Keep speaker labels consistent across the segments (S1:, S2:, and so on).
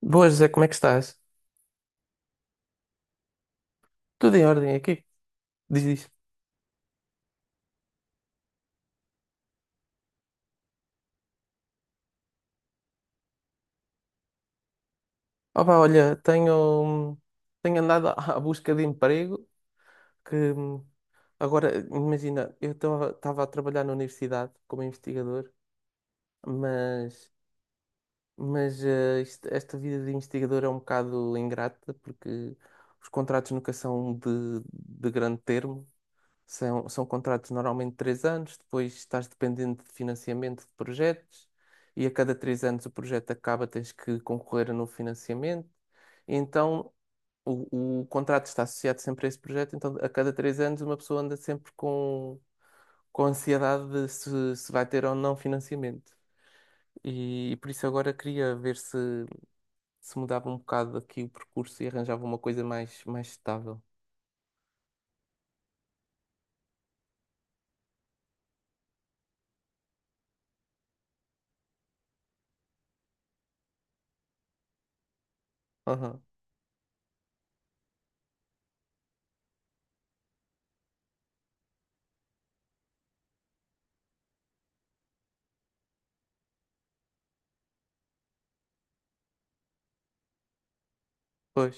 S1: Boas, José, como é que estás? Tudo em ordem aqui? Diz isso. Opa, olha, tenho andado à busca de emprego que agora, imagina, eu estava a trabalhar na universidade como investigador, mas, mas esta vida de investigador é um bocado ingrata porque os contratos nunca são de grande termo. São contratos normalmente de 3 anos, depois estás dependente de financiamento de projetos e a cada 3 anos o projeto acaba, tens que concorrer a novo financiamento. Então o contrato está associado sempre a esse projeto, então a cada 3 anos uma pessoa anda sempre com ansiedade de se vai ter ou não financiamento. E por isso agora queria ver se, se mudava um bocado aqui o percurso e arranjava uma coisa mais, mais estável. Aham. Pois,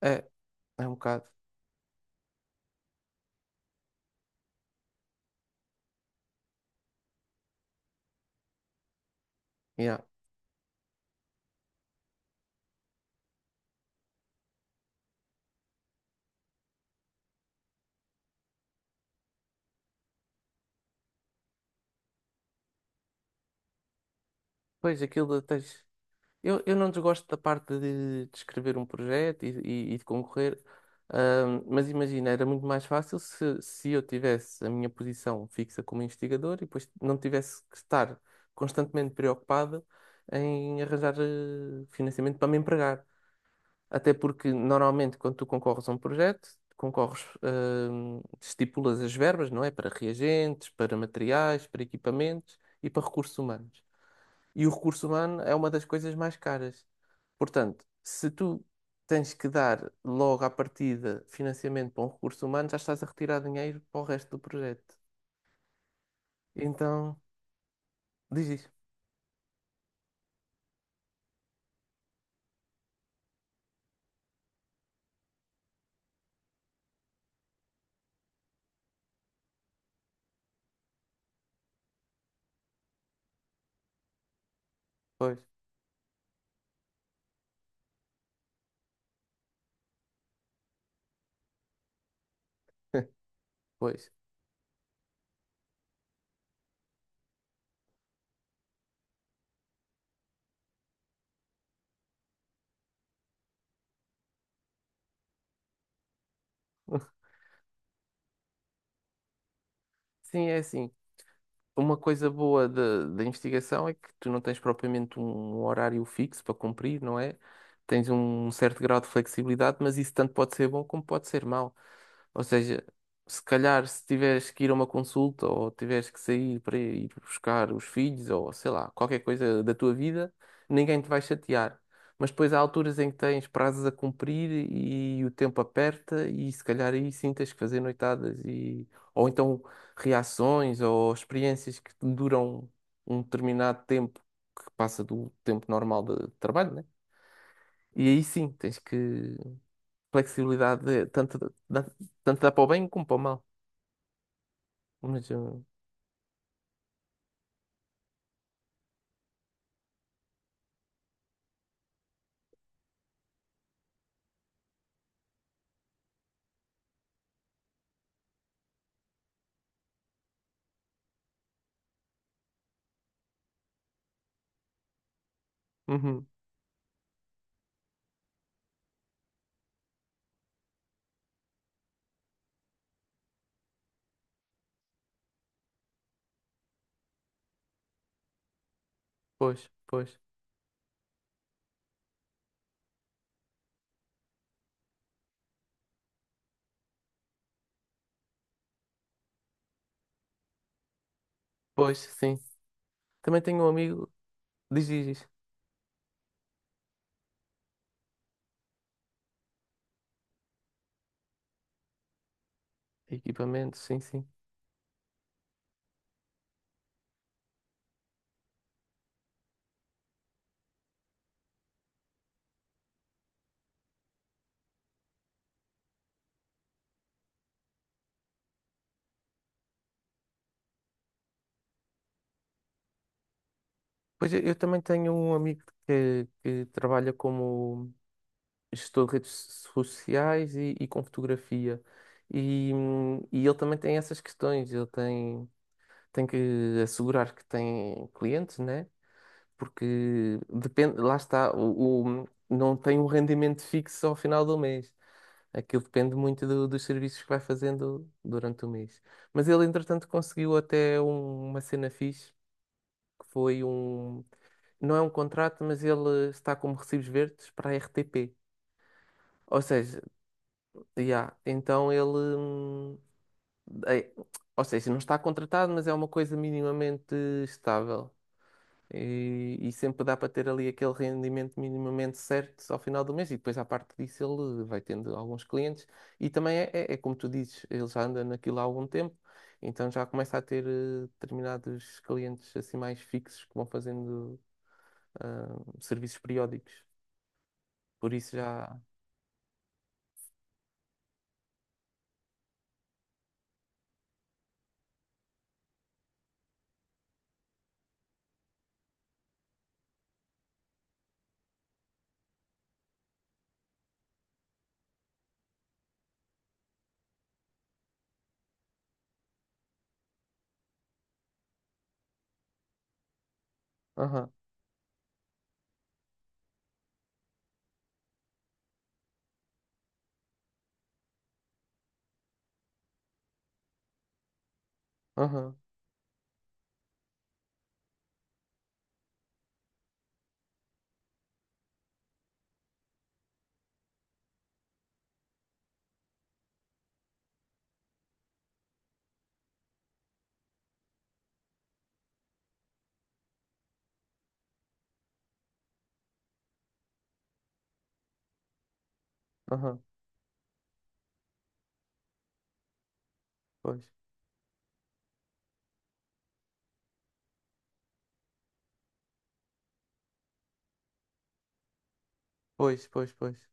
S1: é, é um bocado. Yeah. Pois, aquilo de tens... Eu não desgosto da parte de escrever um projeto e de concorrer, mas imagina, era muito mais fácil se, se eu tivesse a minha posição fixa como investigador e depois não tivesse que estar constantemente preocupado em arranjar financiamento para me empregar. Até porque, normalmente, quando tu concorres a um projeto, concorres, estipulas as verbas, não é? Para reagentes, para materiais, para equipamentos e para recursos humanos. E o recurso humano é uma das coisas mais caras. Portanto, se tu tens que dar logo à partida financiamento para um recurso humano, já estás a retirar dinheiro para o resto do projeto. Então, diz isso. Pois. Pois. Sim, é assim. Uma coisa boa da investigação é que tu não tens propriamente um horário fixo para cumprir, não é? Tens um certo grau de flexibilidade, mas isso tanto pode ser bom como pode ser mau. Ou seja, se calhar se tiveres que ir a uma consulta ou tiveres que sair para ir buscar os filhos ou sei lá, qualquer coisa da tua vida, ninguém te vai chatear. Mas depois há alturas em que tens prazos a cumprir e o tempo aperta e se calhar aí sim tens que fazer noitadas e ou então reações ou experiências que duram um determinado tempo que passa do tempo normal de trabalho, né? E aí sim, tens que flexibilidade dá, tanto dá para o bem como para o mal. Mas, uhum, pois, pois, pois, sim. Também tenho um amigo, diz. Equipamento, sim, sim. Pois eu também tenho um amigo que trabalha como gestor de redes sociais e com fotografia. E e ele também tem essas questões, ele tem, tem que assegurar que tem clientes, né? Porque depende, lá está, o não tem um rendimento fixo ao final do mês. Aquilo depende muito do- dos serviços que vai fazendo durante o mês. Mas ele, entretanto, conseguiu até um- uma cena fixe, que foi um. Não é um contrato, mas ele está como recibos verdes para a RTP. Ou seja, yeah. Então ele. hum, é- ou seja, não está contratado, mas é uma coisa minimamente estável. E sempre dá para ter ali aquele rendimento minimamente certo ao final do mês. E depois, à parte disso, ele vai tendo alguns clientes. E também é, é- é como tu dizes, ele já anda naquilo há algum tempo, então já começa a ter determinados clientes assim mais fixos que vão fazendo ah, serviços periódicos. Por isso já. Aham, aham, aham. Pois, pois, pois, pois.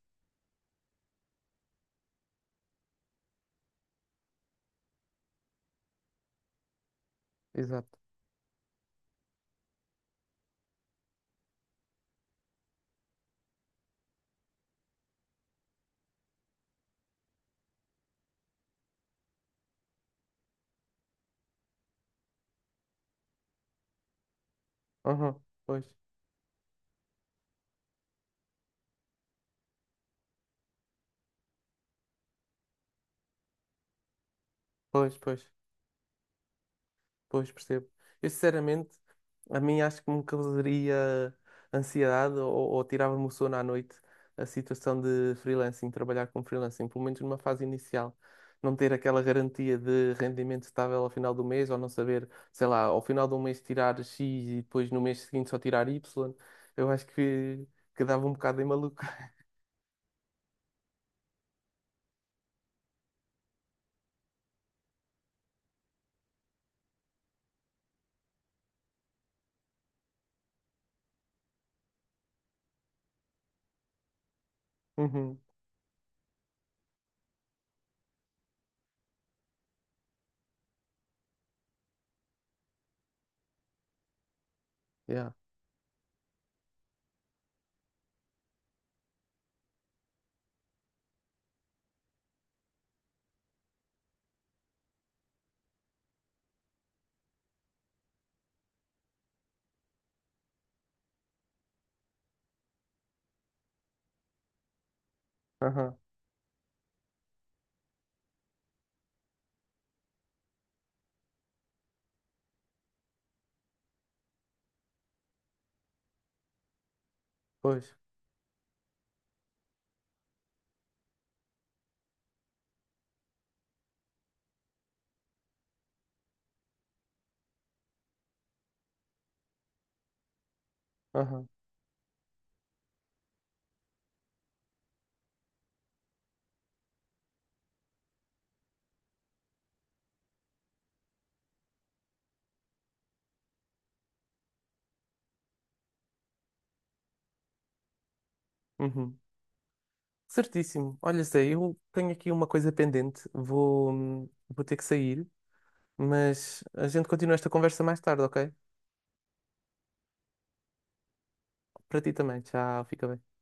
S1: Exato. Aham. Pois, pois, pois, pois, percebo. Eu, sinceramente, a mim acho que me causaria ansiedade ou tirava-me o sono à noite a situação de freelancing, trabalhar com freelancing, pelo menos numa fase inicial. Não ter aquela garantia de rendimento estável ao final do mês, ou não saber, sei lá, ao final de um mês tirar X e depois no mês seguinte só tirar Y, eu acho que dava um bocado em maluco. Uhum, yeah, aham, pois, aham, uhum. Certíssimo. Olha, Zé, eu tenho aqui uma coisa pendente. Vou ter que sair, mas a gente continua esta conversa mais tarde, ok? Para ti também. Tchau, fica bem.